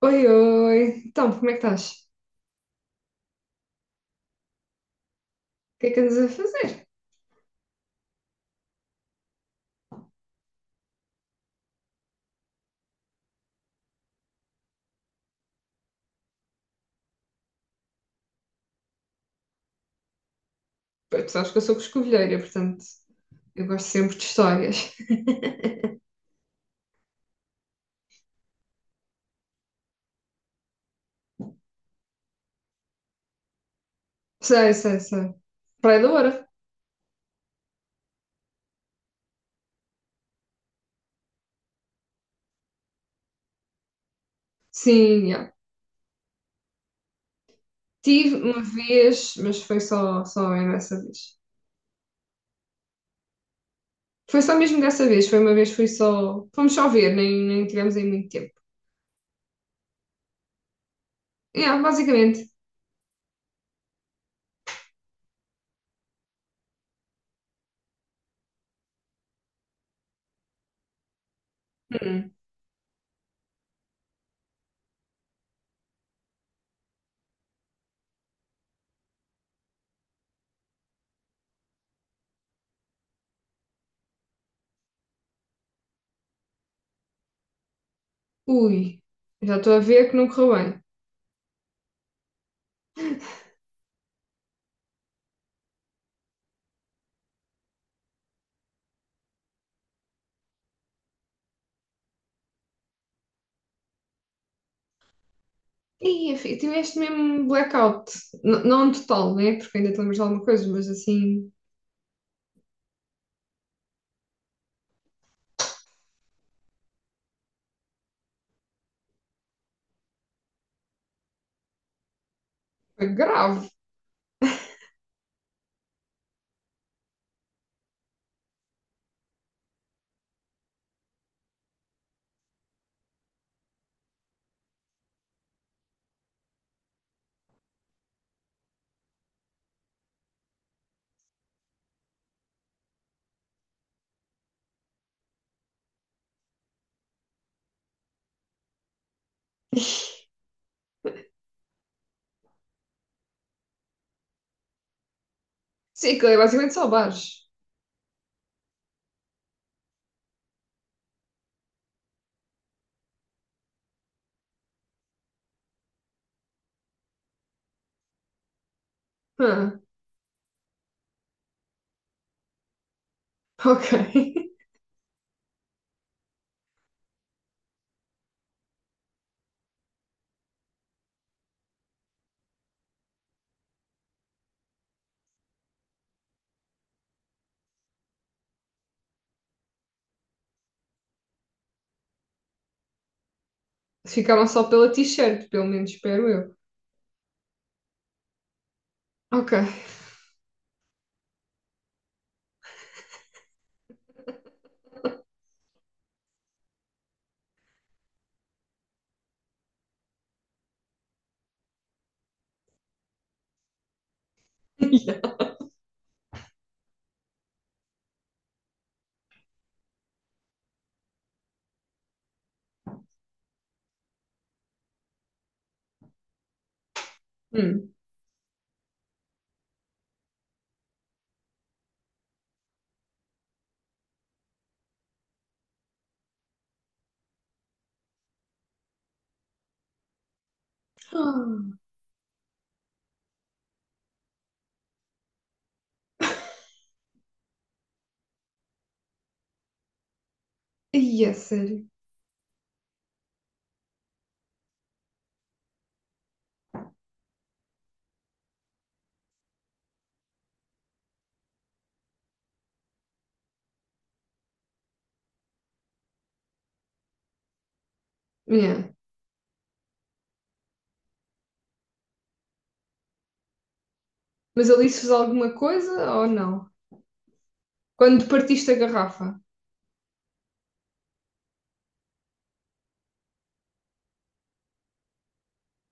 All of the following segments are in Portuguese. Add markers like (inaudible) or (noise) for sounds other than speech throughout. Oi, oi. Então, como é que estás? O que é que andas a fazer? Pois, tu sabes que eu sou coscovilheira, portanto, eu gosto sempre de histórias. (laughs) Sei, sei, sei. Praia da Oura. Sim, já. Tive uma vez, mas foi só, só mesmo essa vez. Foi só mesmo dessa vez, foi uma vez, foi só. Fomos só ver, nem tivemos aí muito tempo. Yeah, basicamente. Hum. Ui, já estou a ver que não correu bem. E enfim, tiveste mesmo blackout. Não total, né? Porque ainda te lembras de alguma coisa, mas assim, foi grave. Sim, aquilo é basicamente só bares. Ah, ok. (laughs) Ficaram só pela t-shirt, pelo menos, espero eu. Ok. (laughs) Yeah. Hum. Ah, yeah, sério. Yeah. Mas ali se fez alguma coisa ou não? Quando partiste a garrafa?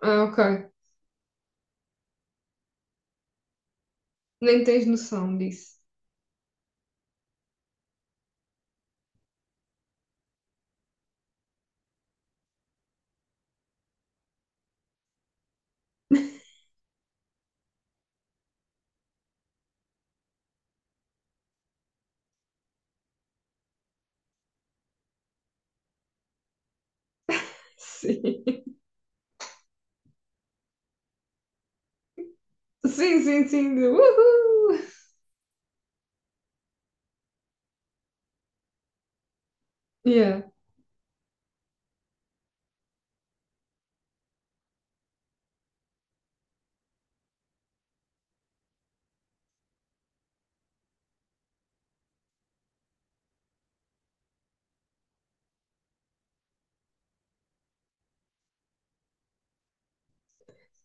Ah, ok. Nem tens noção disso. Sim. Sim, sim, sim. De uhul! Yeah.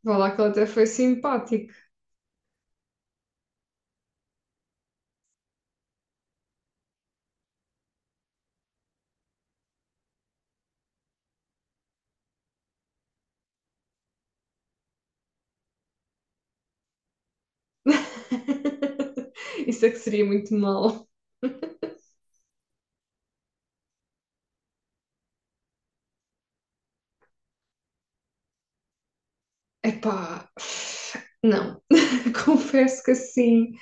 Vá lá que ela até foi simpática. (laughs) Isso é que seria muito mal. Epá, (sighs) não. (laughs) Confesso que assim,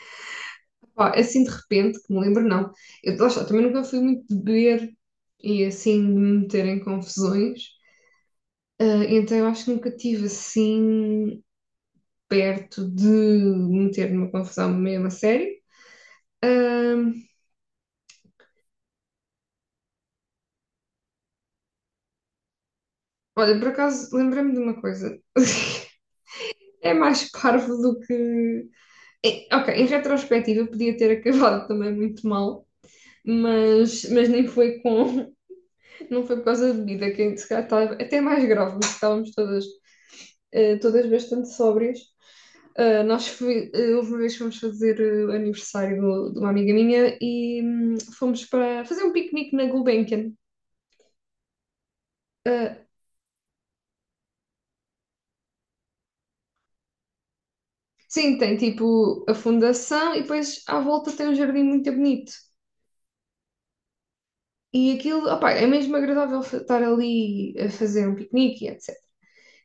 pá, assim de repente, que me lembro, não. Eu, lá está, também nunca fui muito de beber e assim de me meter em confusões. Ah, então eu acho que nunca tive assim perto de me meter numa confusão mesmo a sério. Ah, olha, por acaso, lembrei-me de uma coisa. (laughs) É mais (laughs) parvo do que. É, ok, em retrospectiva podia ter acabado também muito mal, mas nem foi com. (laughs) Não foi por causa da bebida, que se calhar estava até mais grave, porque estávamos todas, todas bastante sóbrias. Ah, houve uma vez que fomos fazer o aniversário de uma amiga minha e fomos para fazer um piquenique na Gulbenkian. Ah, sim, tem tipo a fundação e depois à volta tem um jardim muito bonito. E aquilo, opá, é mesmo agradável estar ali a fazer um piquenique e etc.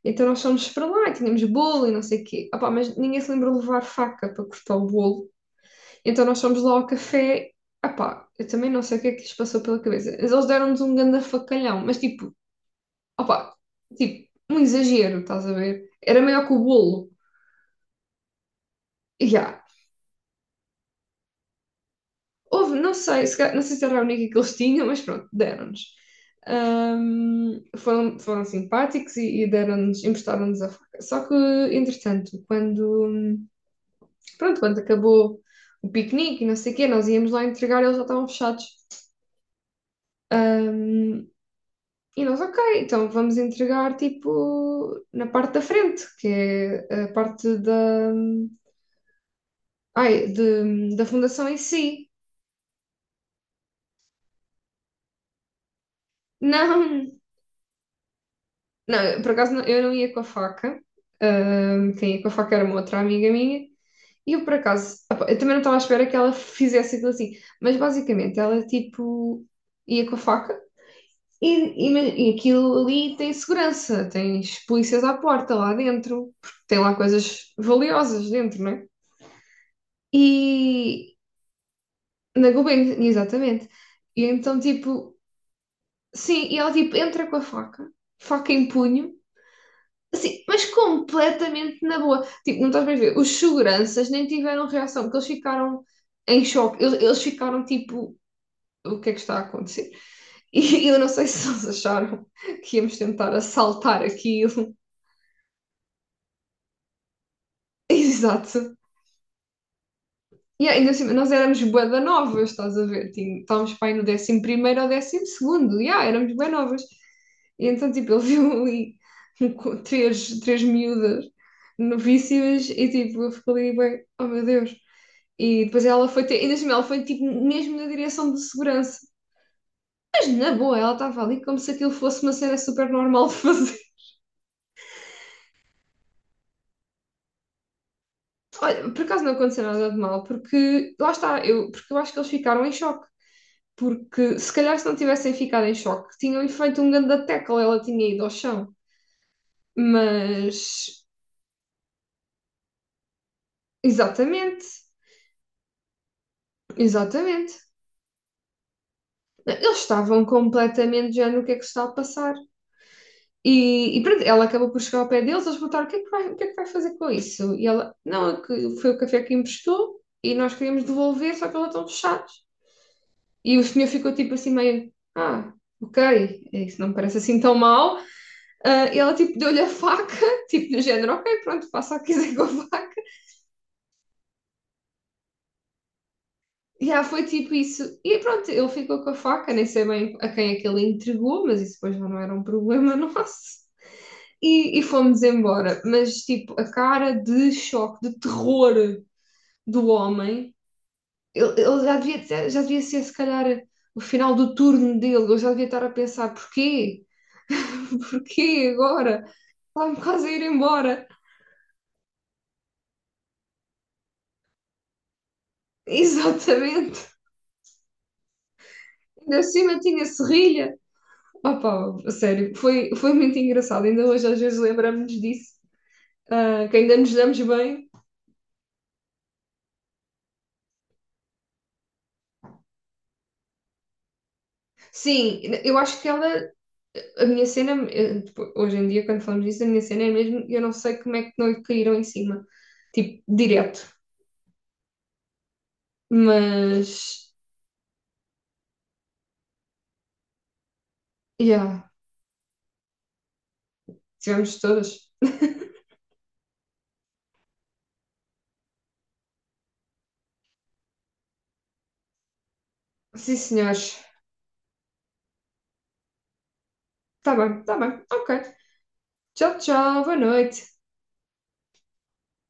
Então nós fomos para lá e tínhamos bolo e não sei o quê. Opá, mas ninguém se lembra de levar faca para cortar o bolo. Então nós fomos lá ao café. Opá, eu também não sei o que é que lhes passou pela cabeça. Mas eles deram-nos um ganda facalhão. Mas tipo, opá, tipo, um exagero, estás a ver? Era maior que o bolo. E já. Houve, não sei se era a única que eles tinham, mas pronto, deram-nos. Foram, foram simpáticos e deram-nos, emprestaram-nos a faca. Só que, entretanto, quando, pronto, quando acabou o piquenique e não sei o quê, nós íamos lá entregar, eles já estavam fechados. Ahm, e nós, ok, então vamos entregar, tipo, na parte da frente, que é a parte da, ai, da fundação em si. Não, não, eu, por acaso eu não ia com a faca. Quem ia com a faca era uma outra amiga minha. E eu, por acaso, opa, eu também não estava à espera que ela fizesse aquilo assim. Mas basicamente ela tipo ia com a faca e, e aquilo ali tem segurança, tens polícias à porta lá dentro, porque tem lá coisas valiosas dentro, não é? E na Gulbenkian, exatamente. E então tipo, sim, e ela tipo entra com a faca, faca em punho. Assim, mas completamente na boa. Tipo, não estás bem a ver? Os seguranças nem tiveram reação, porque eles ficaram em choque. Eles ficaram tipo, o que é que está a acontecer? (laughs) E eu não sei se eles acharam que íamos tentar assaltar aquilo. (laughs) Exato. E ainda assim, nós éramos bué da novas, estás a ver? Estávamos para aí no décimo primeiro ou décimo segundo. Yeah, éramos bué novas. E então, tipo, ele viu ali três, três miúdas novíssimas e, tipo, eu fico ali, bem, oh meu Deus. E depois ela foi ter, ainda assim, ela foi tipo mesmo na direção de segurança. Mas na boa, ela estava ali como se aquilo fosse uma cena super normal de fazer. (laughs) Olha, por acaso não aconteceu nada de mal, porque lá está, porque eu acho que eles ficaram em choque. Porque se calhar se não tivessem ficado em choque, tinham-lhe feito um grande tackle, ela tinha ido ao chão. Mas, exatamente, exatamente. Eles estavam completamente já no que é que se está a passar. E pronto, ela acabou por chegar ao pé deles, eles perguntaram o que é que vai fazer com isso? E ela, não, é que foi o café que emprestou e nós queríamos devolver, só que eles estão fechados. E o senhor ficou tipo assim meio, ah, ok, é, isso não me parece assim tão mal. Ah, e ela tipo deu-lhe a faca, (laughs) tipo do género, ok, pronto, faça o que quiser com a faca. E ah, foi tipo isso. E pronto, ele ficou com a faca, nem sei bem a quem é que ele entregou, mas isso depois já não era um problema (laughs) nosso. E, e fomos embora. Mas, tipo, a cara de choque, de terror do homem, ele, ele já devia ser, se calhar, o final do turno dele. Ele já devia estar a pensar: porquê? (laughs) Porquê agora? Está-me quase a ir embora. (laughs) Exatamente. Ainda por cima tinha serrilha. Opa, a sério, foi, foi muito engraçado. Ainda hoje às vezes lembramos-nos disso, ah, que ainda nos damos bem. Sim, eu acho que ela A minha cena, tipo, hoje em dia, quando falamos disso, a minha cena é mesmo, eu não sei como é que não lhe caíram em cima, tipo, direto. Mas, yeah, tivemos todas. Sim, senhores. Tá bem, tá bem. Ok. Tchau, tchau. Boa noite.